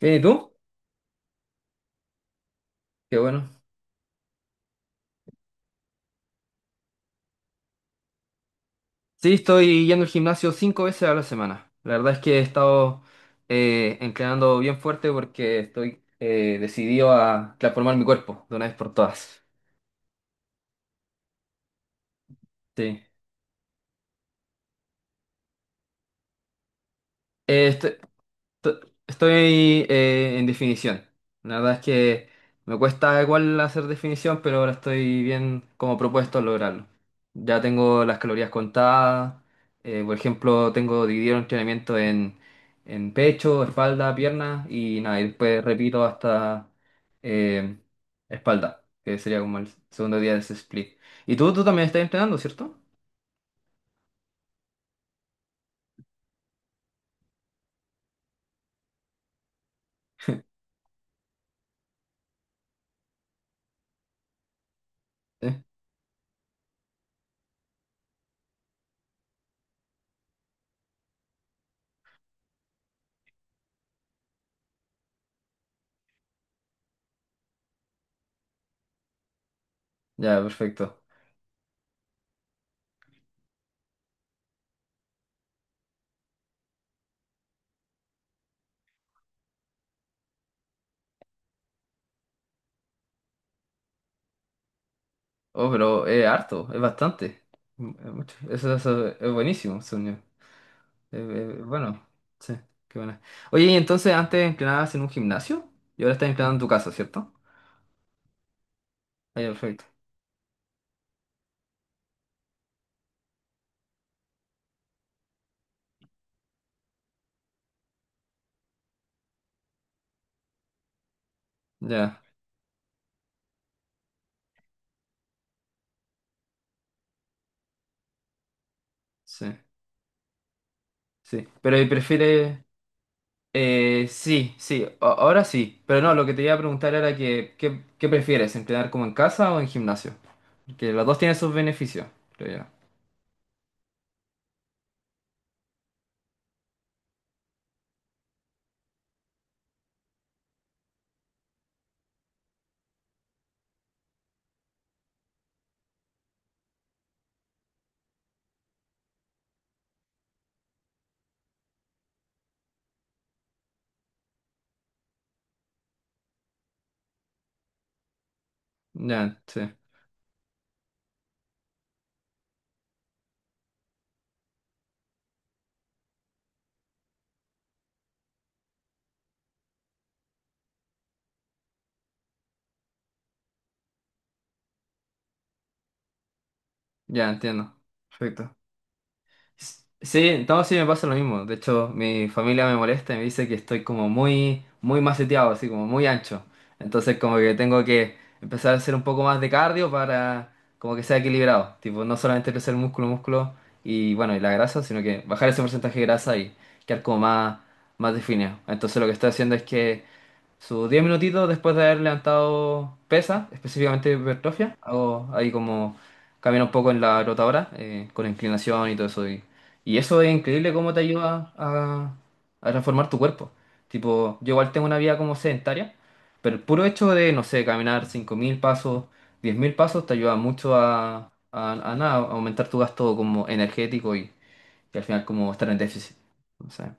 Bien, ¿y tú? Qué bueno. Sí, estoy yendo al gimnasio 5 veces a la semana. La verdad es que he estado entrenando bien fuerte porque estoy decidido a transformar mi cuerpo de una vez por todas. Sí. Eh, est- T- Estoy en definición. La verdad es que me cuesta igual hacer definición, pero ahora estoy bien como propuesto a lograrlo. Ya tengo las calorías contadas. Por ejemplo, tengo dividido el entrenamiento en pecho, espalda, pierna y nada, y después repito hasta eh, espalda, que sería como el segundo día de ese split. Y tú también estás entrenando, ¿cierto? Sí. Ya, perfecto. Oh, pero es harto, es bastante. Mm, es mucho. Eso es buenísimo, según yo. Eh, bueno, sí, qué buena. Oye, y entonces antes entrenabas en un gimnasio y ahora estás entrenando en tu casa, ¿cierto? Ah, ya, perfecto. Ya, sí, sí. Pero ¿y prefieres? Sí, sí, ahora sí. Pero no, lo que te iba a preguntar era que, ¿qué prefieres? ¿Entrenar como en casa o en gimnasio? Que los dos tienen sus beneficios, creo yo. Ya, sí, ya entiendo. Perfecto. Sí, no, sí me pasa lo mismo. De hecho, mi familia me molesta y me dice que estoy como muy, muy maceteado, así como muy ancho. Entonces, como que tengo que empezar a hacer un poco más de cardio para como que sea equilibrado. Tipo, no solamente crecer músculo, músculo y bueno, y la grasa, sino que bajar ese porcentaje de grasa y quedar como más, más definido. Entonces, lo que estoy haciendo es que sus 10 minutitos después de haber levantado pesa, específicamente hipertrofia, hago ahí como camino un poco en la rotadora, con inclinación y todo eso. Y eso es increíble cómo te ayuda a, transformar tu cuerpo. Tipo, yo igual tengo una vida como sedentaria, pero el puro hecho de, no sé, caminar 5.000 pasos, 10.000 pasos, te ayuda mucho a nada, a aumentar tu gasto como energético y al final como estar en déficit. No sé.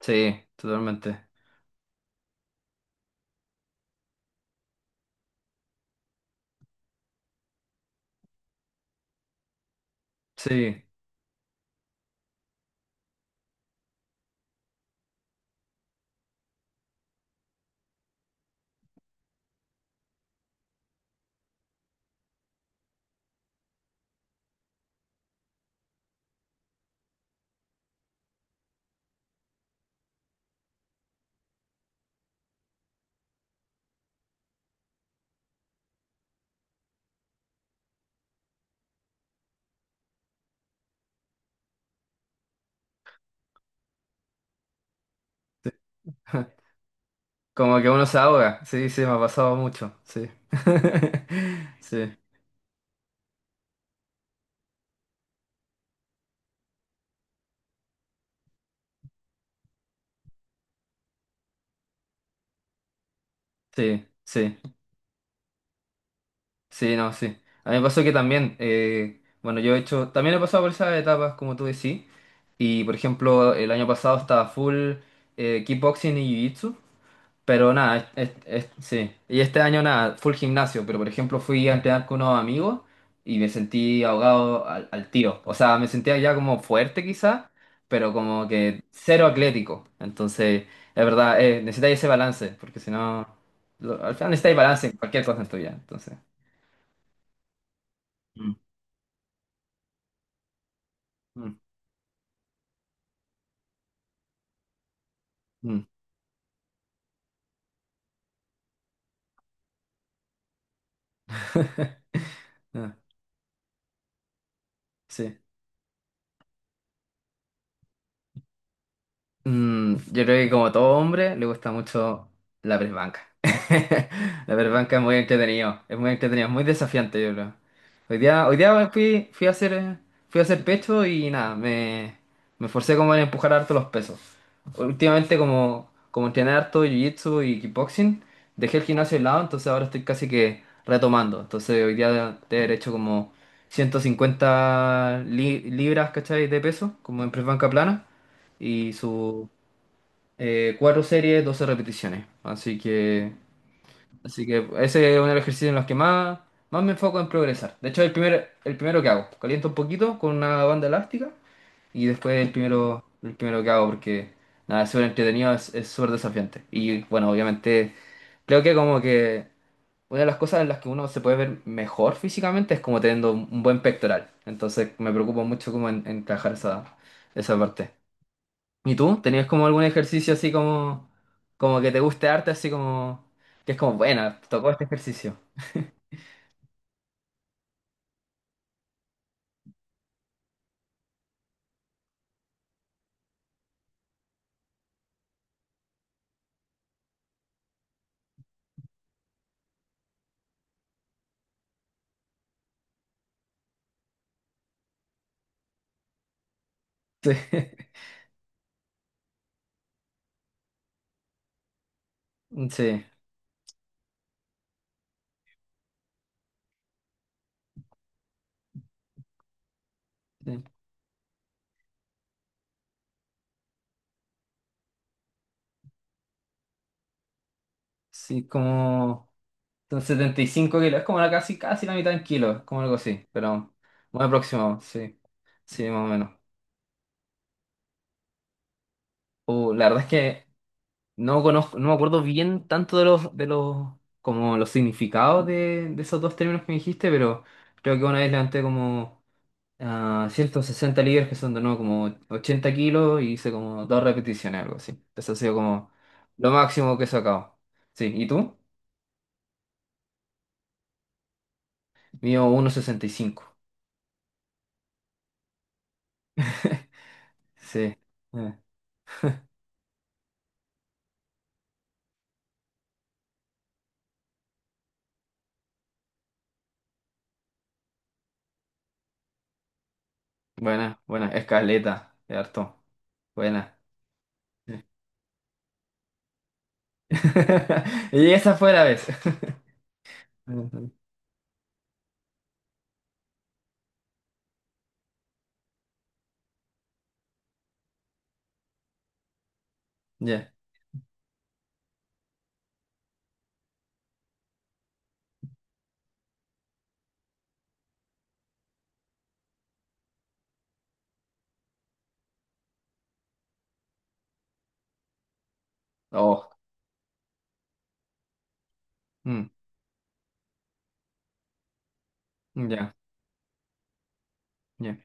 Sí, totalmente. Sí. Como que uno se ahoga. Sí, sí, me ha pasado mucho. Sí. Sí, sí, sí, sí, no, sí. A mí me pasó que también, bueno, yo he hecho, también he pasado por esas etapas, como tú decís. Y por ejemplo, el año pasado estaba full kickboxing y jiu-jitsu. Pero nada, sí. Y este año nada, full gimnasio, pero por ejemplo fui a entrenar con unos amigos y me sentí ahogado al tiro. O sea, me sentía ya como fuerte quizá, pero como que cero atlético. Entonces, es verdad, necesitáis ese balance, porque si no, al final necesitáis balance en cualquier cosa en tu vida. Entonces, mm. Mm, mm. Ah, sí. Yo creo que como todo hombre le gusta mucho la perbanca. La perbanca es muy entretenido, es muy entretenido, es muy desafiante, yo creo. Hoy día fui a hacer pecho y nada, me forcé como en empujar harto los pesos. Últimamente como entrené harto jiu-jitsu y kickboxing, dejé el gimnasio de lado, entonces ahora estoy casi que retomando. Entonces hoy día de haber hecho como 150 libras, ¿cachai? De peso, como en press banca plana y sus 4 series, 12 repeticiones. Así que ese es uno de los ejercicios en los que más, más me enfoco en progresar. De hecho, el primero que hago, caliento un poquito con una banda elástica y después el primero que hago porque nada, es súper entretenido, es súper desafiante. Y bueno, obviamente creo que como que una de las cosas en las que uno se puede ver mejor físicamente es como teniendo un buen pectoral. Entonces me preocupo mucho como en, trabajar esa parte. ¿Y tú? ¿Tenías como algún ejercicio así como que te guste arte, así como, que es como, bueno, tocó este ejercicio? Sí, sí, sí, sí, como son 75 kilos, es como la casi, casi la mitad en kilos, como algo así, pero muy aproximado, sí, sí, más o menos. La verdad es que no conozco, no me acuerdo bien tanto de los, como los significados de esos dos términos que me dijiste, pero creo que una vez levanté como 160 libras que son de nuevo como 80 kilos y hice como 2 repeticiones, algo así. Eso ha sido como lo máximo que he sacado. Sí, ¿y tú? Mío 1,65. Sí. Eh, Buena, buena. Escaleta, de harto. Buena. Sí. Y esa fue la vez. Ujú. Ya. Oh. mm, Ya, ya.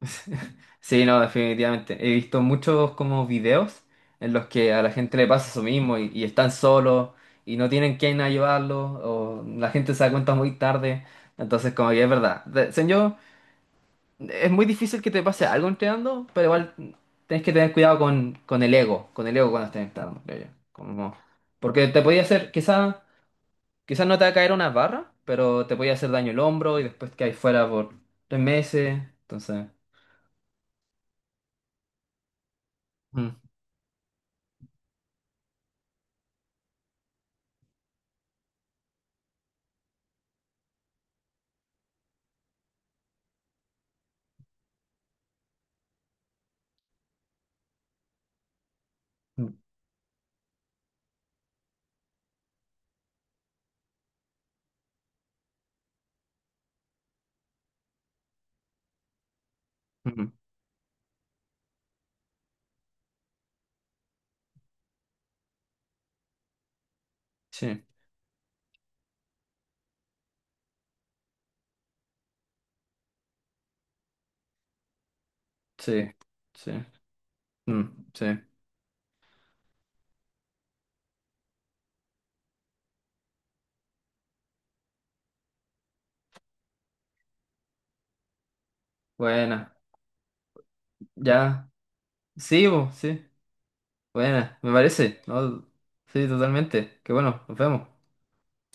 Sí, no, definitivamente. He visto muchos como videos en los que a la gente le pasa eso mismo y están solos y no tienen quien ayudarlos o la gente se da cuenta muy tarde. Entonces, como que es verdad. Según es muy difícil que te pase algo entrenando, pero igual tienes que tener cuidado con el ego, con el ego cuando estés entrenando, creo yo. Como, porque te podía hacer, quizás no te va a caer una barra, pero te podía hacer daño el hombro y después que hay fuera por 3 meses. Entonces. Mm, mm, mm. Sí, sí, sí. Mm, sí. Buena. Ya. Sí, bo, sí. Buena, me parece, ¿no? Sí, totalmente. Qué bueno, nos vemos.